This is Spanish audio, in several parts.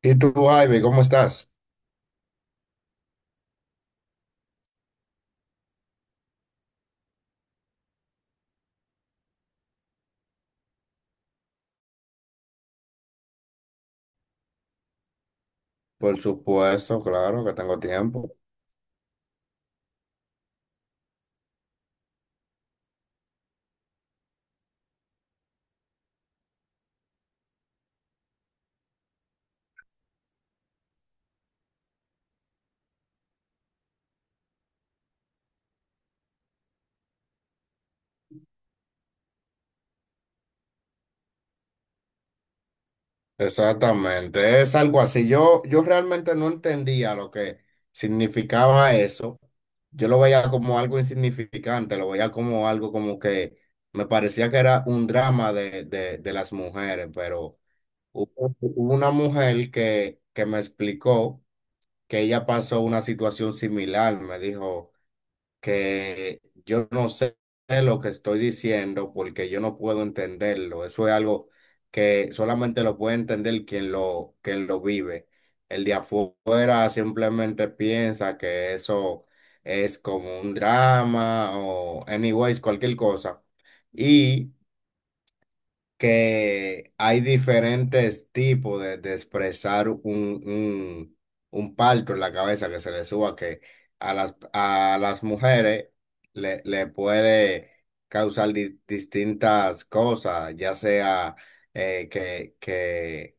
¿Y tú, Ivy, cómo estás? Por supuesto, claro que tengo tiempo. Exactamente, es algo así. Yo realmente no entendía lo que significaba eso. Yo lo veía como algo insignificante, lo veía como algo como que me parecía que era un drama de las mujeres, pero hubo una mujer que me explicó que ella pasó una situación similar, me dijo. Que yo no sé lo que estoy diciendo porque yo no puedo entenderlo. Eso es algo que solamente lo puede entender quien lo vive. El de afuera simplemente piensa que eso es como un drama o anyways, cualquier cosa. Y que hay diferentes tipos de expresar un parto en la cabeza que se le suba, que a las mujeres le puede causar distintas cosas, ya sea eh, que, que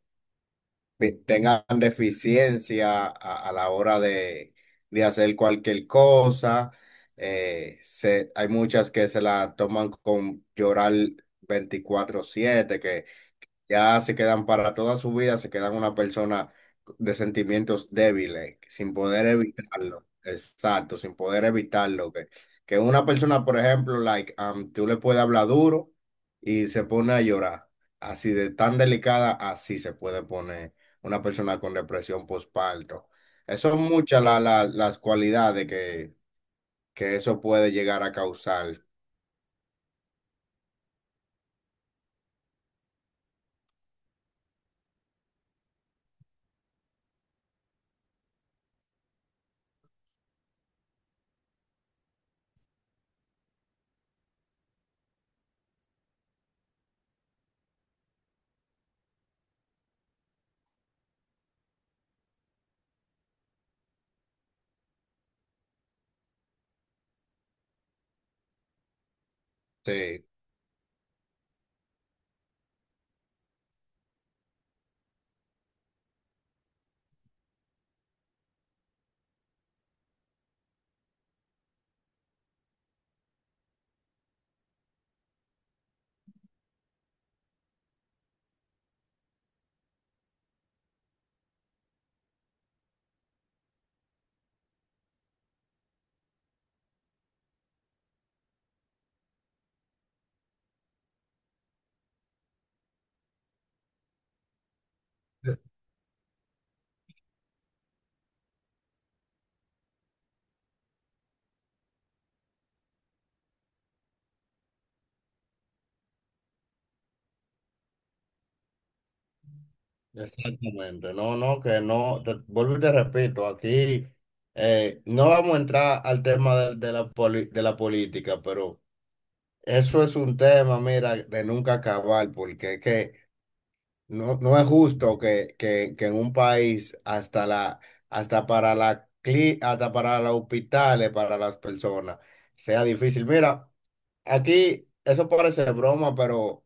tengan deficiencia a la hora de hacer cualquier cosa. Hay muchas que se la toman con llorar 24/7, que ya se quedan para toda su vida, se quedan una persona de sentimientos débiles, sin poder evitarlo. Exacto, sin poder evitarlo. Que una persona, por ejemplo, tú le puedes hablar duro y se pone a llorar. Así de tan delicada, así se puede poner una persona con depresión postparto. Eso son muchas las cualidades que eso puede llegar a causar. Sí. Exactamente, no, no, que no, vuelvo y te repito, aquí no vamos a entrar al tema de la de la política, pero eso es un tema, mira, de nunca acabar, porque es que no, no es justo que, que en un país hasta para los hospitales, para las personas, sea difícil. Mira, aquí, eso parece broma, pero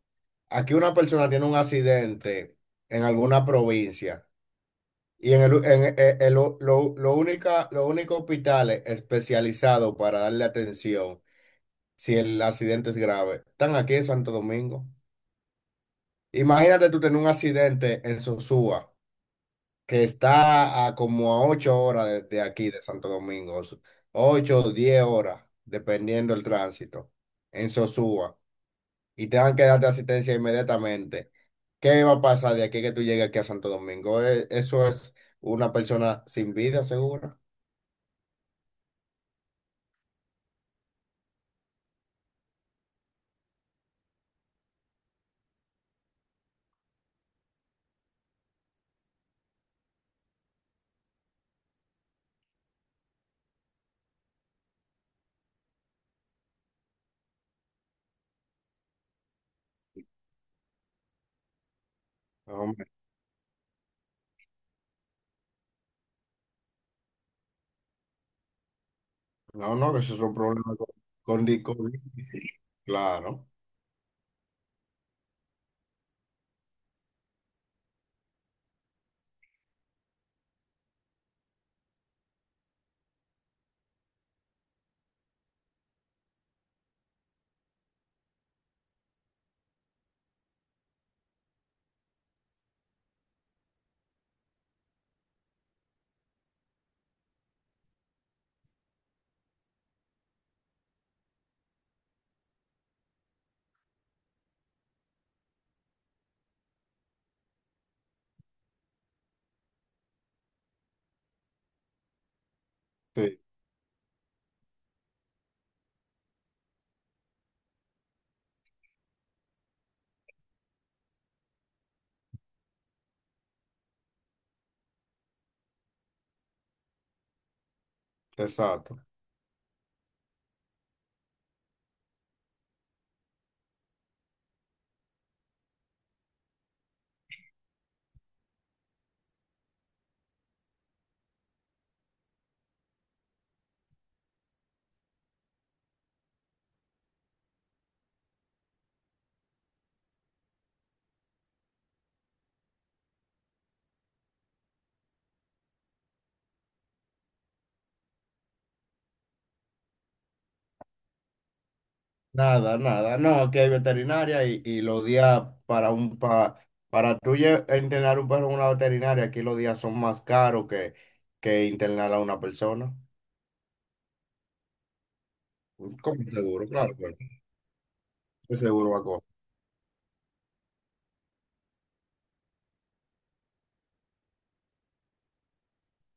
aquí una persona tiene un accidente en alguna provincia. Y en el, en, lo única, lo único hospital especializado para darle atención si el accidente es grave, están aquí en Santo Domingo. Imagínate tú tener un accidente en Sosúa, que está a como a 8 horas de aquí, de Santo Domingo, 8 o 10 horas, dependiendo del tránsito, en Sosúa, y tengan que darte asistencia inmediatamente. ¿Qué va a pasar de aquí que tú llegues aquí a Santo Domingo? Eso es una persona sin vida, seguro. No, hombre, no, no, que eso es un problema con licor. Claro, sí, exacto. Nada, nada, no, que hay veterinaria y los días para para internar un perro en una veterinaria, aquí los días son más caros que internar a una persona. Como seguro, claro, pero ¿qué seguro va a coger?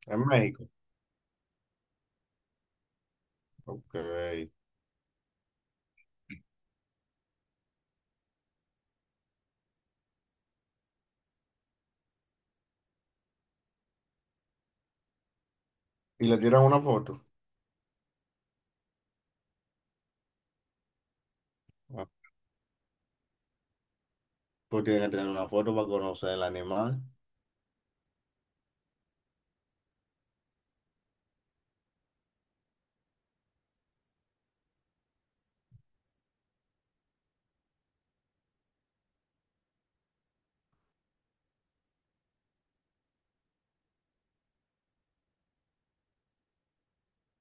En México. Ok. Y le tiran una foto. Ah, pues tienen que tener una foto para conocer el animal.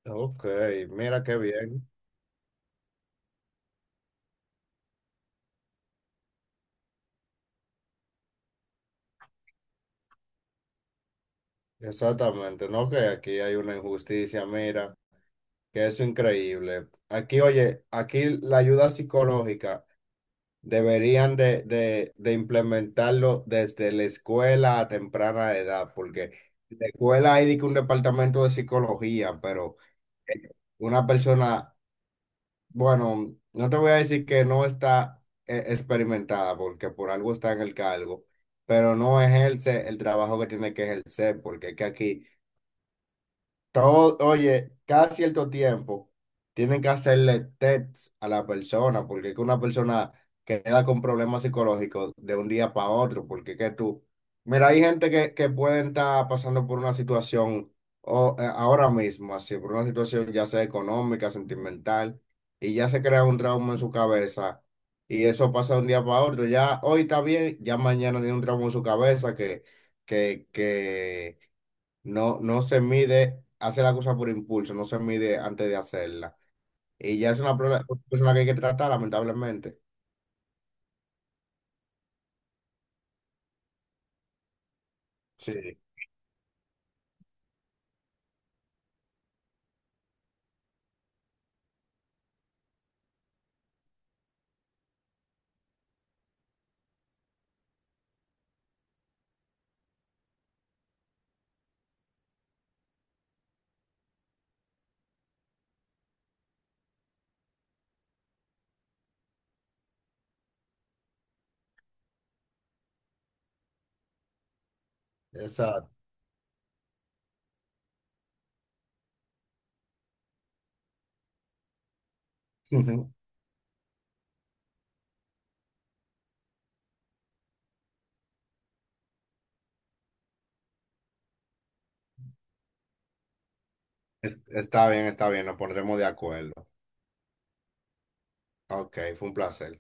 Ok, mira qué bien. Exactamente, ¿no? Que aquí hay una injusticia, mira, que eso es increíble. Aquí, oye, aquí la ayuda psicológica deberían de implementarlo desde la escuela a temprana edad, porque en la escuela hay de que un departamento de psicología, pero una persona, bueno, no te voy a decir que no está experimentada, porque por algo está en el cargo, pero no ejerce el trabajo que tiene que ejercer, porque es que aquí... Todo, oye, cada cierto tiempo tienen que hacerle test a la persona, porque es que una persona queda con problemas psicológicos de un día para otro, porque es que tú, mira, hay gente que pueden estar pasando por una situación ahora mismo, así, por una situación ya sea económica, sentimental, y ya se crea un trauma en su cabeza, y eso pasa de un día para otro, ya hoy está bien, ya mañana tiene un trauma en su cabeza que, que no se mide, hace la cosa por impulso, no se mide antes de hacerla. Y ya es una persona que hay que tratar, lamentablemente. Sí, exacto. Está bien, nos pondremos de acuerdo. Ok, fue un placer.